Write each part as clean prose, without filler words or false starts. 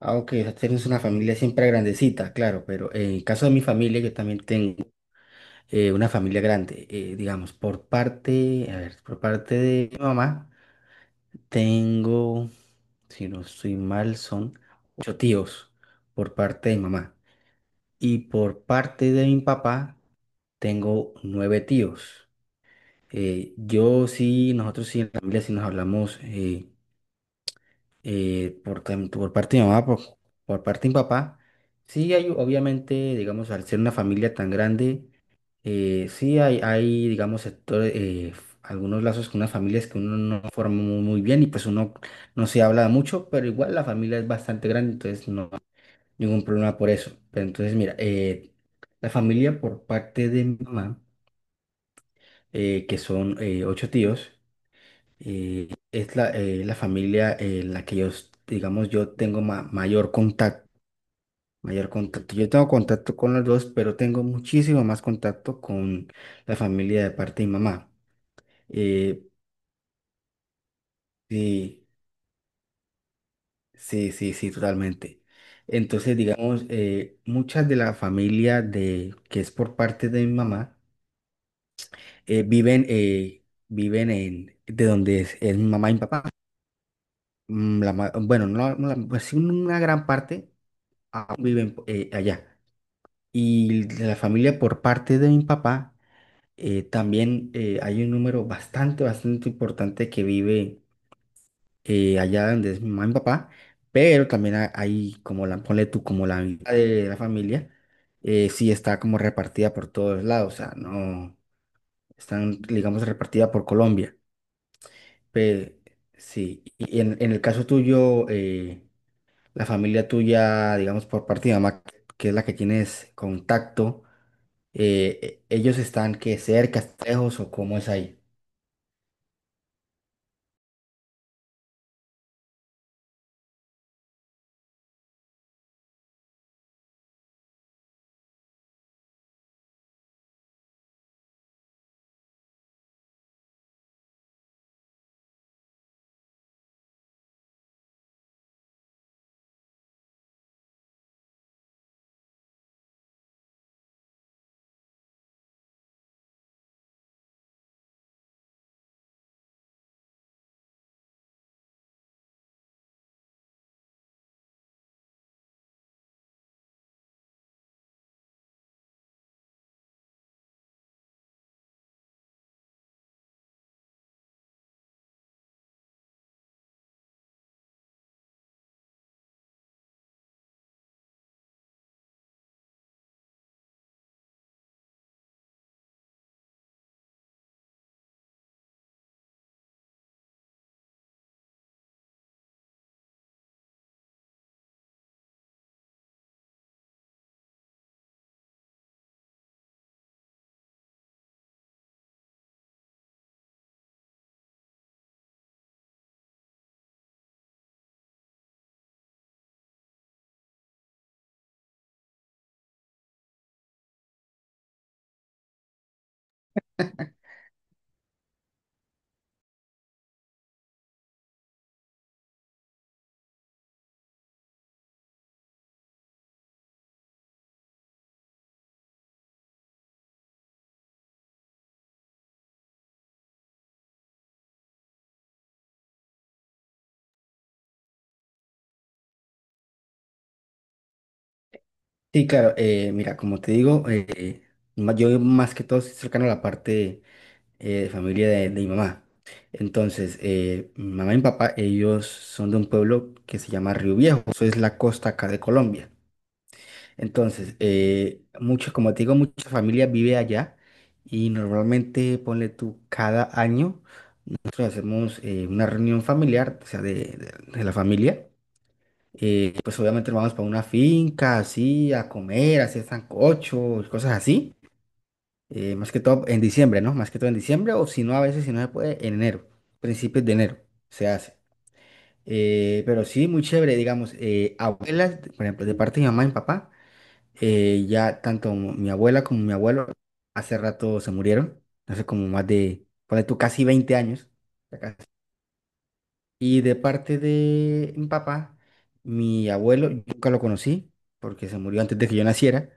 Aunque tenemos una familia siempre grandecita, claro, pero en el caso de mi familia, yo también tengo una familia grande. Digamos, por parte, a ver, por parte de mi mamá, tengo, si no estoy mal, son ocho tíos por parte de mi mamá. Y por parte de mi papá, tengo nueve tíos. Yo sí, nosotros sí, en la familia sí nos hablamos. Por, por parte de mi mamá, por parte de mi papá, sí hay, obviamente, digamos, al ser una familia tan grande, sí hay, digamos, sectores, algunos lazos con unas familias que uno no forma muy, muy bien y pues uno no se habla mucho, pero igual la familia es bastante grande, entonces no hay ningún problema por eso. Pero entonces, mira, la familia por parte de mi mamá, que son ocho tíos, es la familia en la que digamos, yo tengo mayor contacto, mayor contacto. Yo tengo contacto con los dos, pero tengo muchísimo más contacto con la familia de parte de mi mamá. Eh, sí, sí, sí, sí, totalmente. Entonces, digamos, muchas de la familia de, que es por parte de mi mamá, eh, viven, eh, viven en, de donde es mi mamá y mi papá. Mm, bueno, no, no la- pues sí, una gran parte. Viven allá. Y de la familia por parte de mi papá, también hay un número bastante, bastante importante que vive allá donde es mi mamá y mi papá, pero también hay como la, ponle tú, como la mitad de la familia, sí está como repartida por todos lados, o sea, no, están, digamos, repartida por Colombia. Pe- sí, y en el caso tuyo, la familia tuya, digamos, por parte de mamá, que es la que tienes contacto, ellos están que cerca, lejos o cómo es ahí. Sí, claro, mira, como te digo, yo más que todo estoy cercano a la parte de familia de mi mamá. Entonces, mi mamá y mi papá, ellos son de un pueblo que se llama Río Viejo, eso es la costa acá de Colombia. Entonces, mucho, como te digo, mucha familia vive allá y normalmente, ponle tú, cada año nosotros hacemos una reunión familiar, o sea, de la familia. Pues obviamente nos vamos para una finca, así, a comer, a hacer sancocho, cosas así. Más que todo en diciembre, ¿no? Más que todo en diciembre, o si no, a veces, si no se puede, en enero, principios de enero se hace. Pero sí, muy chévere, digamos, abuelas, por ejemplo, de parte de mi mamá y mi papá, ya tanto mi abuela como mi abuelo hace rato se murieron, hace como más de, ponle tú, casi 20 años, y de parte de mi papá, mi abuelo, yo nunca lo conocí porque se murió antes de que yo naciera.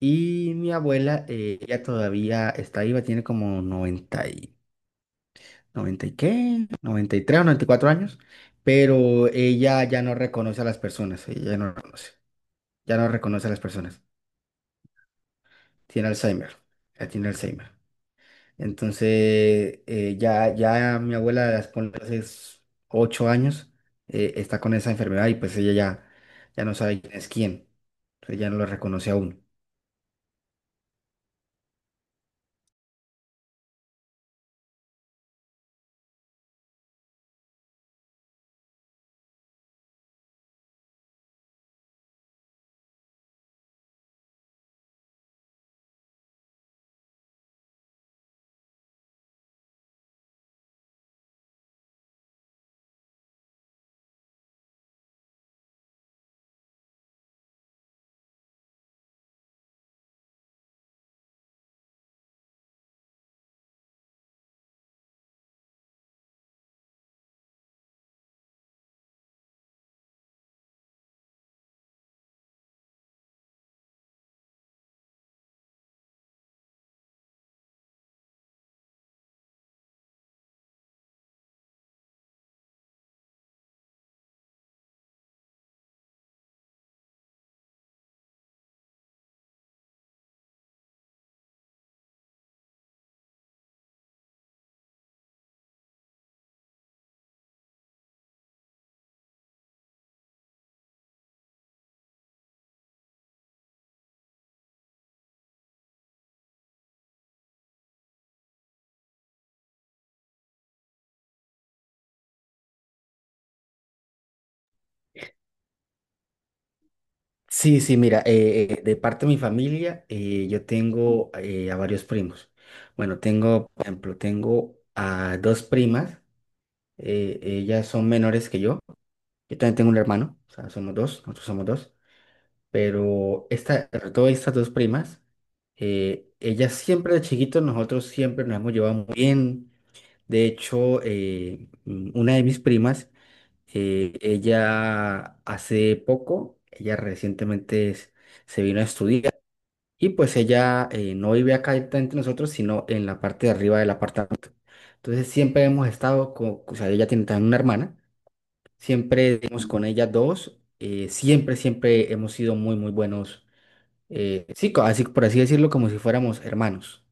Y mi abuela, ella todavía está viva, tiene como 90 y, 90 y qué, 93 o 94 años, pero ella ya no reconoce a las personas, ella no reconoce, ya no reconoce a las personas. Tiene Alzheimer, ya tiene Alzheimer. Entonces, ya mi abuela, ponle, 8 años, está con esa enfermedad y pues ella ya, ya no sabe quién es quién. Entonces ya no lo reconoce aún. Sí, sí, mira, de parte de mi familia, yo tengo a varios primos. Bueno, tengo, por ejemplo, tengo a dos primas, ellas son menores que yo. Yo también tengo un hermano, o sea, somos dos, nosotros somos dos. Pero esta, sobre todo estas dos primas, ellas siempre de chiquitos, nosotros siempre nos hemos llevado muy bien. De hecho, una de mis primas, ella hace poco, ella recientemente se vino a estudiar y pues ella no vive acá directamente nosotros, sino en la parte de arriba del apartamento. Entonces siempre hemos estado con, o sea, ella tiene también una hermana, siempre hemos con ella dos, siempre, siempre hemos sido muy, muy buenos así, por así decirlo, como si fuéramos hermanos.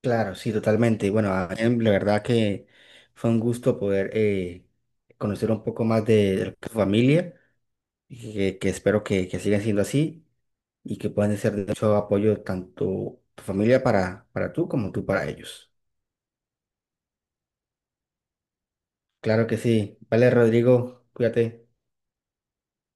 Claro, sí, totalmente. Bueno, la verdad que fue un gusto poder conocer un poco más de tu familia, y que espero que sigan siendo así y que puedan ser de mucho apoyo tanto tu familia para tú como tú para ellos. Claro que sí. Vale, Rodrigo, cuídate.